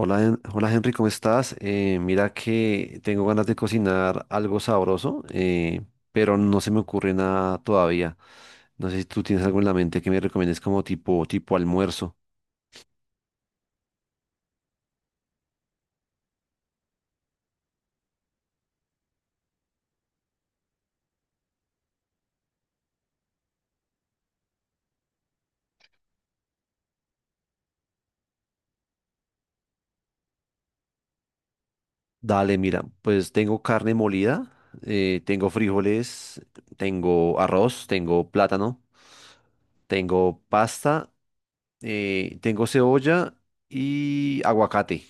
Hola, hola Henry, ¿cómo estás? Mira que tengo ganas de cocinar algo sabroso, pero no se me ocurre nada todavía. No sé si tú tienes algo en la mente que me recomiendes como tipo almuerzo. Dale, mira, pues tengo carne molida, tengo frijoles, tengo arroz, tengo plátano, tengo pasta, tengo cebolla y aguacate.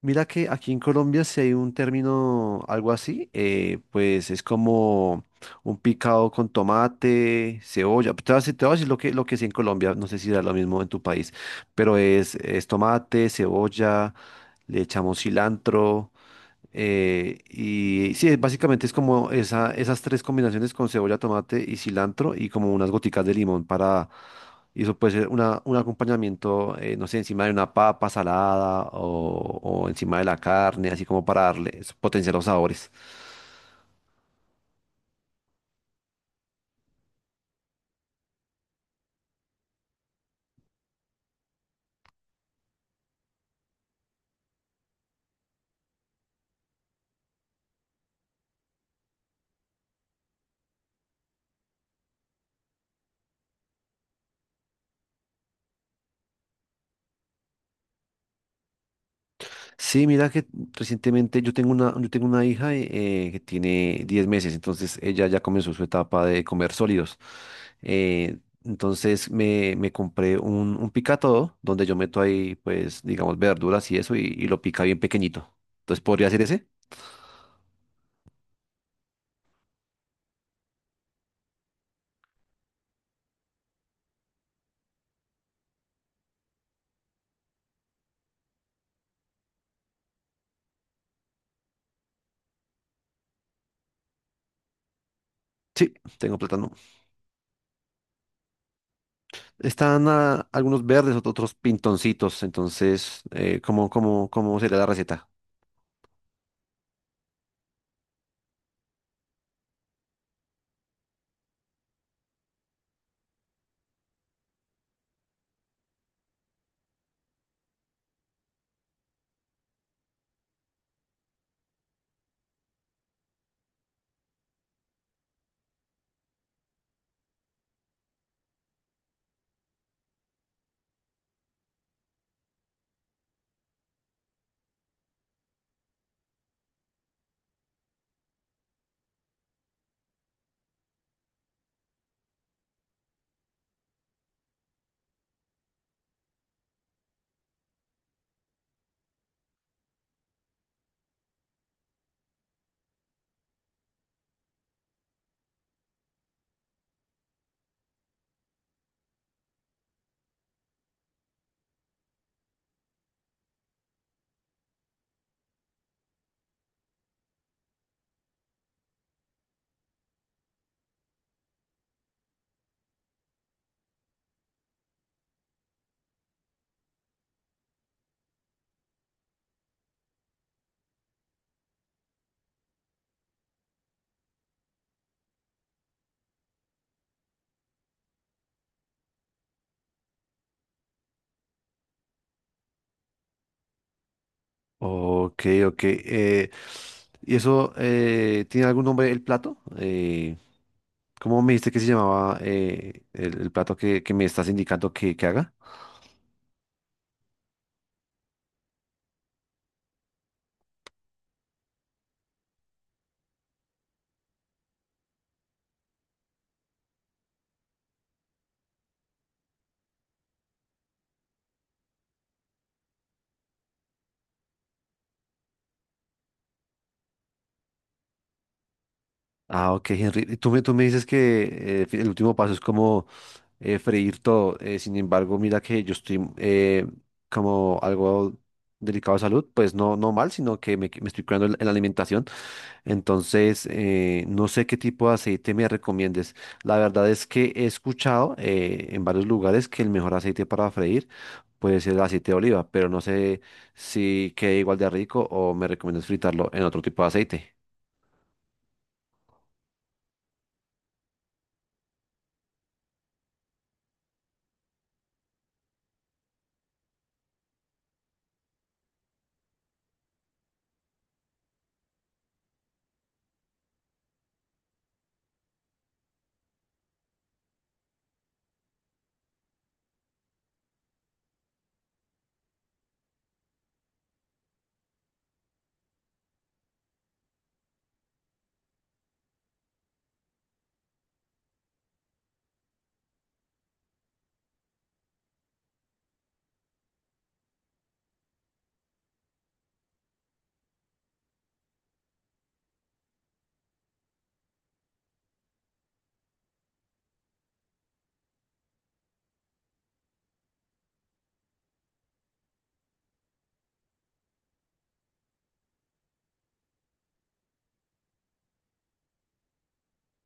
Mira que aquí en Colombia si hay un término algo así, pues es como un picado con tomate, cebolla. Te voy a decir lo que es en Colombia, no sé si da lo mismo en tu país, pero es tomate, cebolla, le echamos cilantro. Y sí, básicamente es como esas tres combinaciones con cebolla, tomate y cilantro y como unas goticas de limón. Y eso puede ser un acompañamiento, no sé, encima de una papa salada o encima de la carne, así como para darle, potenciar los sabores. Sí, mira que recientemente yo tengo una hija que tiene 10 meses, entonces ella ya comenzó su etapa de comer sólidos. Entonces me compré un picatodo donde yo meto ahí, pues, digamos, verduras y eso y lo pica bien pequeñito. Entonces, ¿podría ser ese? Sí, tengo plátano. Están algunos verdes, otros pintoncitos, entonces, ¿cómo sería la receta? Ok, ok. ¿Y eso tiene algún nombre el plato? ¿Cómo me dijiste que se llamaba el plato que me estás indicando que haga? Ah, ok, Henry. Y tú me dices que el último paso es como freír todo. Sin embargo, mira que yo estoy como algo delicado de salud, pues no, no mal, sino que me estoy cuidando en la alimentación. Entonces, no sé qué tipo de aceite me recomiendes. La verdad es que he escuchado en varios lugares que el mejor aceite para freír puede ser el aceite de oliva, pero no sé si queda igual de rico o me recomiendas fritarlo en otro tipo de aceite.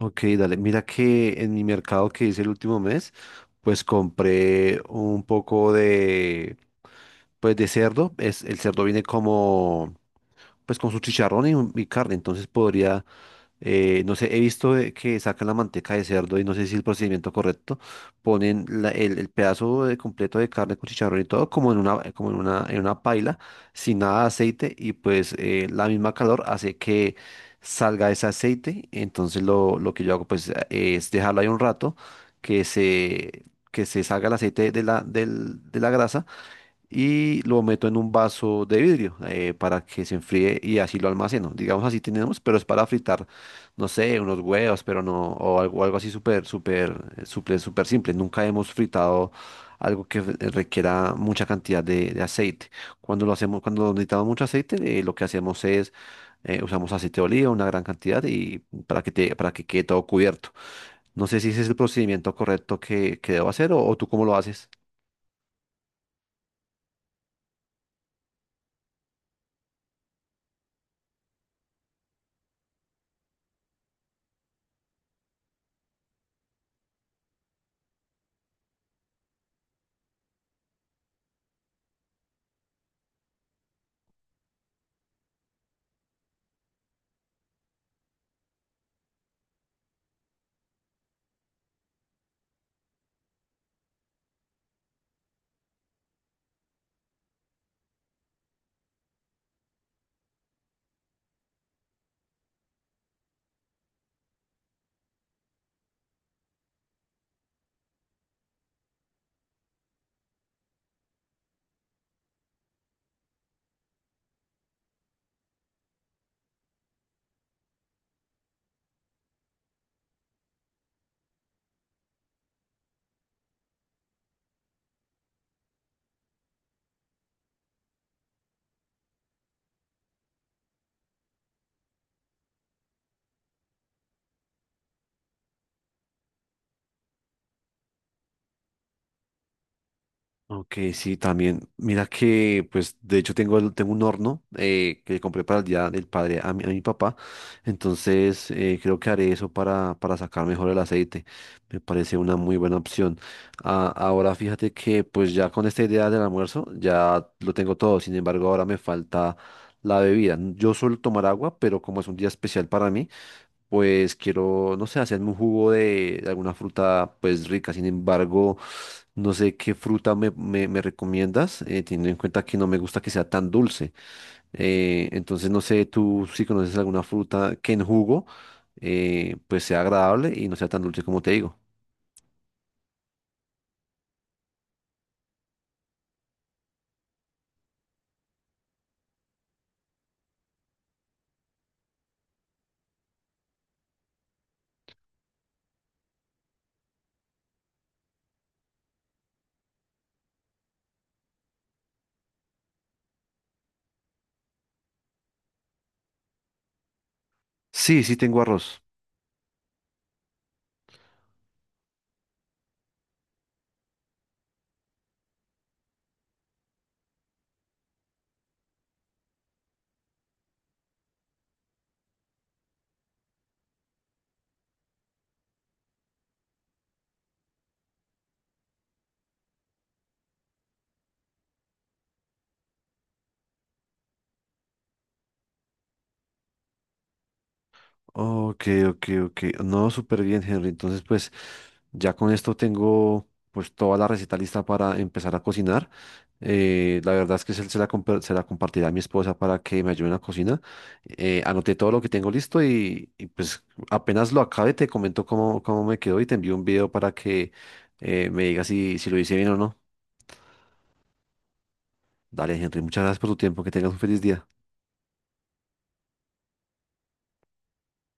Ok, dale. Mira que en mi mercado que hice el último mes, pues compré un poco de cerdo. El cerdo viene como pues con su chicharrón y carne, entonces podría, no sé, he visto de que sacan la manteca de cerdo y no sé si es el procedimiento correcto. Ponen el pedazo completo de carne con chicharrón y todo como en una paila, sin nada de aceite y pues la misma calor hace que salga ese aceite, entonces lo que yo hago pues es dejarlo ahí un rato, que se... que se salga el aceite de la grasa y lo meto en un vaso de vidrio para que se enfríe y así lo almaceno. Digamos, así tenemos, pero es para fritar, no sé, unos huevos, pero no, o algo así súper, súper, súper, súper simple. Nunca hemos fritado algo que requiera mucha cantidad de aceite. Cuando lo hacemos, cuando necesitamos mucho aceite, lo que hacemos es usamos aceite de oliva, una gran cantidad, y para que quede todo cubierto. No sé si ese es el procedimiento correcto que debo hacer o tú cómo lo haces. Ok, sí, también. Mira que, pues, de hecho tengo un horno que le compré para el Día del Padre a mi papá. Entonces, creo que haré eso para sacar mejor el aceite. Me parece una muy buena opción. Ah, ahora fíjate que, pues, ya con esta idea del almuerzo, ya lo tengo todo. Sin embargo, ahora me falta la bebida. Yo suelo tomar agua, pero como es un día especial para mí, pues quiero, no sé, hacerme un jugo de alguna fruta pues rica. Sin embargo, no sé qué fruta me recomiendas, teniendo en cuenta que no me gusta que sea tan dulce. Entonces, no sé, tú si conoces alguna fruta que en jugo pues sea agradable y no sea tan dulce como te digo. Sí, sí tengo arroz. Ok, ok, ok. No, súper bien, Henry. Entonces, pues ya con esto tengo pues toda la receta lista para empezar a cocinar. La verdad es que se la compartiré a mi esposa para que me ayude en la cocina. Anoté todo lo que tengo listo pues apenas lo acabe te comento cómo me quedó y te envío un video para que me digas si lo hice bien o no. Dale, Henry, muchas gracias por tu tiempo. Que tengas un feliz día.